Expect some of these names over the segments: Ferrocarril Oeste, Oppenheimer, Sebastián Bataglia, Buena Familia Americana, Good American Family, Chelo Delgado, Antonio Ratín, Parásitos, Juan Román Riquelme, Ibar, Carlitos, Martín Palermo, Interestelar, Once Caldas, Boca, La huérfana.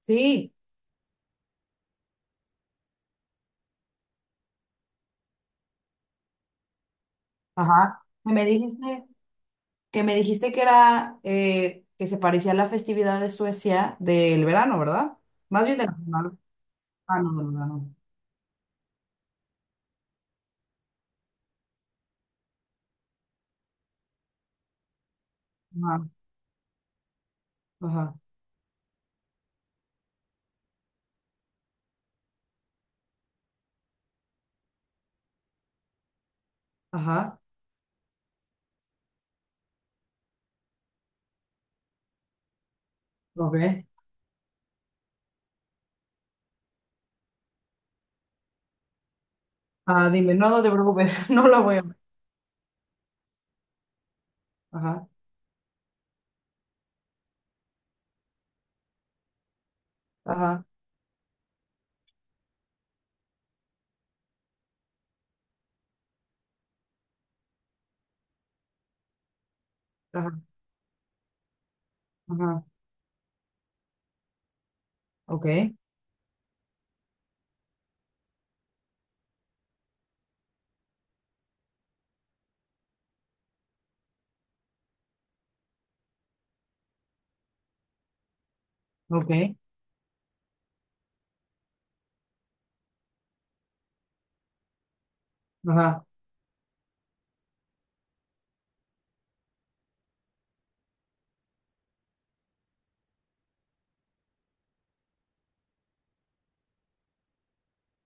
Sí, ajá. Que me dijiste, que me dijiste que era que se parecía a la festividad de Suecia del verano, ¿verdad? Más bien de la... Ah, no, del verano. Ajá, ajá, ajá. Ok. Ah, dime, no, no te preocupes, no la voy a ver. Ajá, ajá, ajá, ajá. Ok, ok, ajá,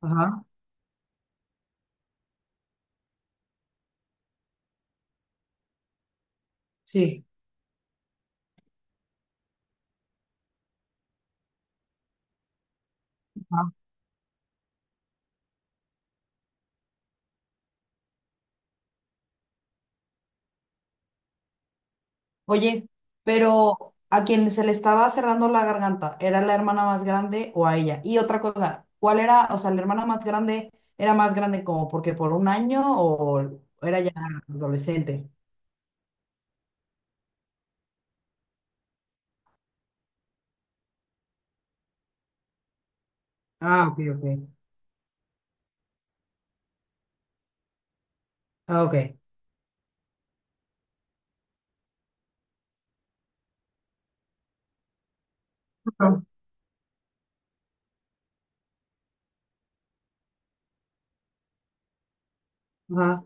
ajá. Sí. Oye, pero ¿a quien se le estaba cerrando la garganta, era la hermana más grande o a ella? Y otra cosa, ¿cuál era, o sea, la hermana más grande era más grande como porque por un año o era ya adolescente? Ah, ok, ok. Ah, ok. Ajá, ajá,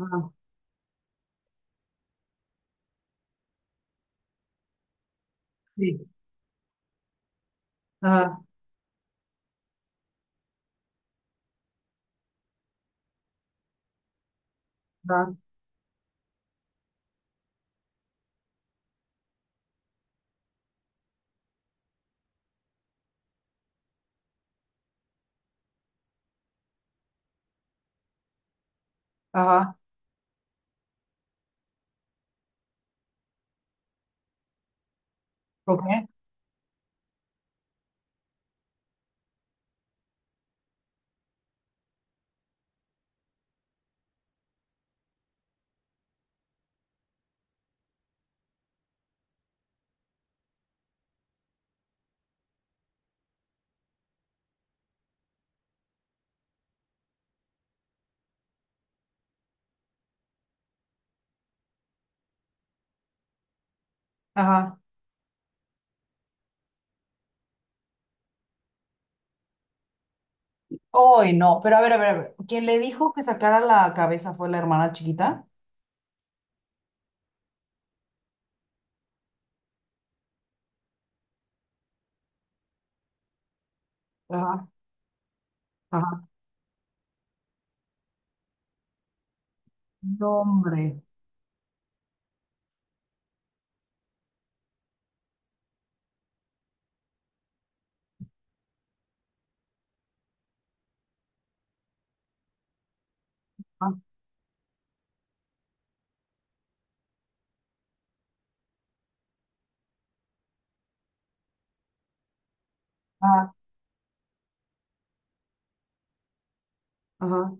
ajá, sí. Ajá, ajá, ajá, ok, ajá. Ay, no, pero a ver, a ver, a ver. ¿Quién le dijo que sacara la cabeza fue la hermana chiquita? Ajá, ajá. No, hombre. Ajá, ajá, ajá.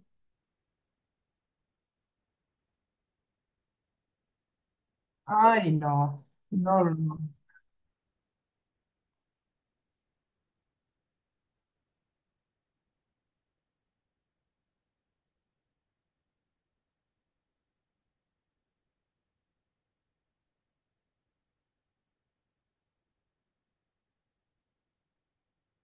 Ay, no, no, no, no.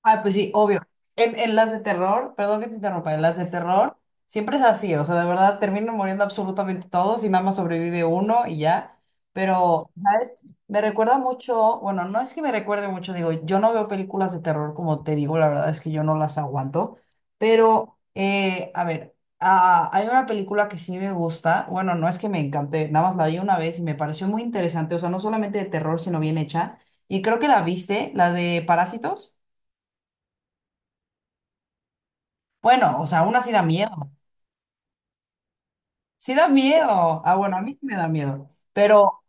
Ah, pues sí, obvio. En las de terror, perdón que te interrumpa, en las de terror siempre es así, o sea, de verdad terminan muriendo absolutamente todos y nada más sobrevive uno y ya. Pero, ¿sabes? Me recuerda mucho, bueno, no es que me recuerde mucho, digo, yo no veo películas de terror, como te digo, la verdad es que yo no las aguanto, pero, a ver, ah, hay una película que sí me gusta, bueno, no es que me encante, nada más la vi una vez y me pareció muy interesante, o sea, no solamente de terror, sino bien hecha, y creo que la viste, la de Parásitos. Bueno, o sea, aún así da miedo. Sí da miedo. Ah, bueno, a mí sí me da miedo. Pero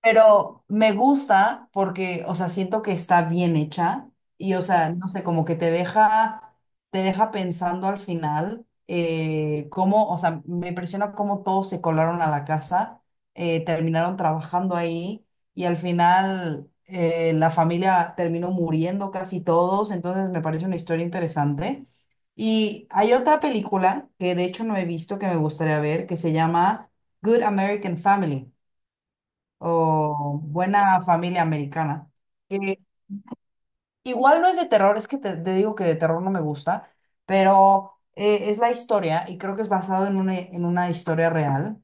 me gusta porque, o sea, siento que está bien hecha y, o sea, no sé, como que te deja pensando al final cómo, o sea, me impresiona cómo todos se colaron a la casa, terminaron trabajando ahí y al final la familia terminó muriendo casi todos, entonces me parece una historia interesante. Y hay otra película que de hecho no he visto que me gustaría ver que se llama Good American Family. O Buena Familia Americana. Que igual no es de terror, es que te digo que de terror no me gusta, pero es la historia y creo que es basado en una historia real,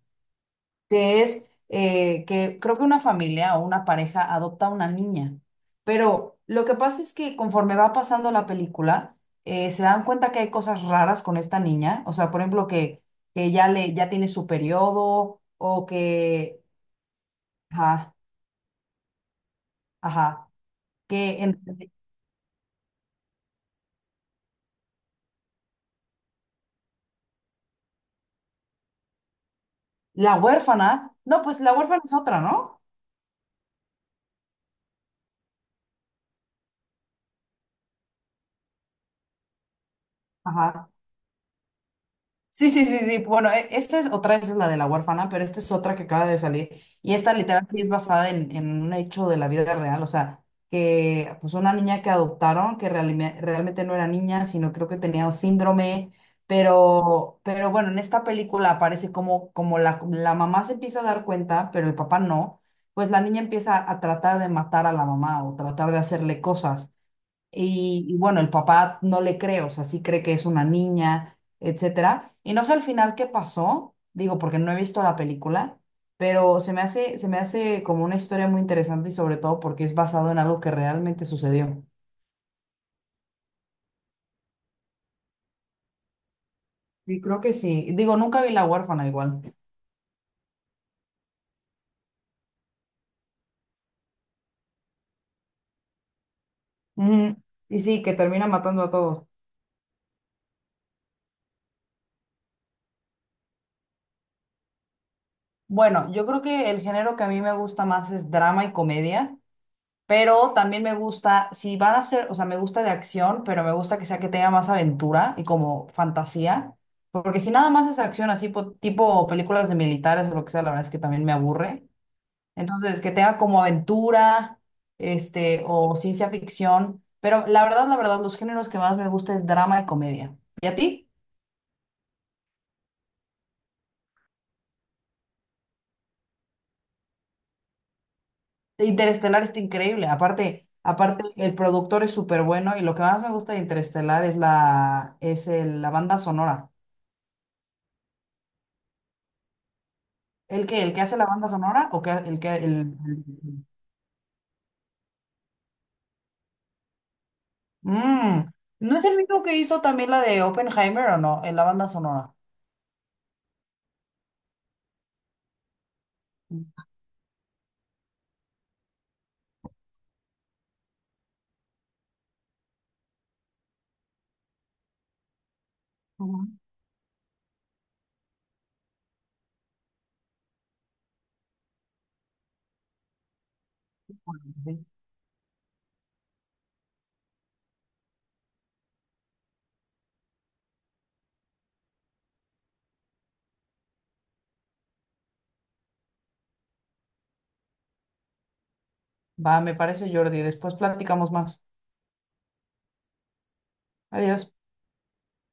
que es que creo que una familia o una pareja adopta a una niña, pero lo que pasa es que conforme va pasando la película, se dan cuenta que hay cosas raras con esta niña, o sea, por ejemplo, que ya, le, ya tiene su periodo o que... Ajá, ajá, que en, La huérfana. No, pues la huérfana es otra, ¿no? Ajá. Sí, sí, sí, sí. Bueno, e- esta es otra, esa es la de la huérfana, pero esta es otra que acaba de salir. Y esta literal sí es basada en un hecho de la vida real. O sea, que pues una niña que adoptaron, que realime- realmente no era niña, sino creo que tenía un síndrome. Pero bueno, en esta película aparece como, como la mamá se empieza a dar cuenta, pero el papá no. Pues la niña empieza a tratar de matar a la mamá o tratar de hacerle cosas. Y bueno, el papá no le cree, o sea, sí cree que es una niña, etcétera. Y no sé al final qué pasó, digo, porque no he visto la película, pero se me hace como una historia muy interesante y sobre todo porque es basado en algo que realmente sucedió. Y creo que sí. Digo, nunca vi La huérfana igual. Ujú. Y sí, que termina matando a todos. Bueno, yo creo que el género que a mí me gusta más es drama y comedia. Pero también me gusta, si van a ser, o sea, me gusta de acción, pero me gusta que sea que tenga más aventura y como fantasía. Porque si nada más es acción así, po- tipo películas de militares o lo que sea, la verdad es que también me aburre. Entonces, que tenga como aventura, este, o ciencia ficción. Pero la verdad, los géneros que más me gusta es drama y comedia. ¿Y a ti? Interestelar está increíble. Aparte, aparte, el productor es súper bueno y lo que más me gusta de Interestelar es la, es la banda sonora. ¿El que... ¿El que hace la banda sonora? ¿O que el que el- Mm, ¿no es el mismo que hizo también la de Oppenheimer o no? En la banda sonora. Ujú. Sí. Va, me parece Jordi. Después platicamos más. Adiós.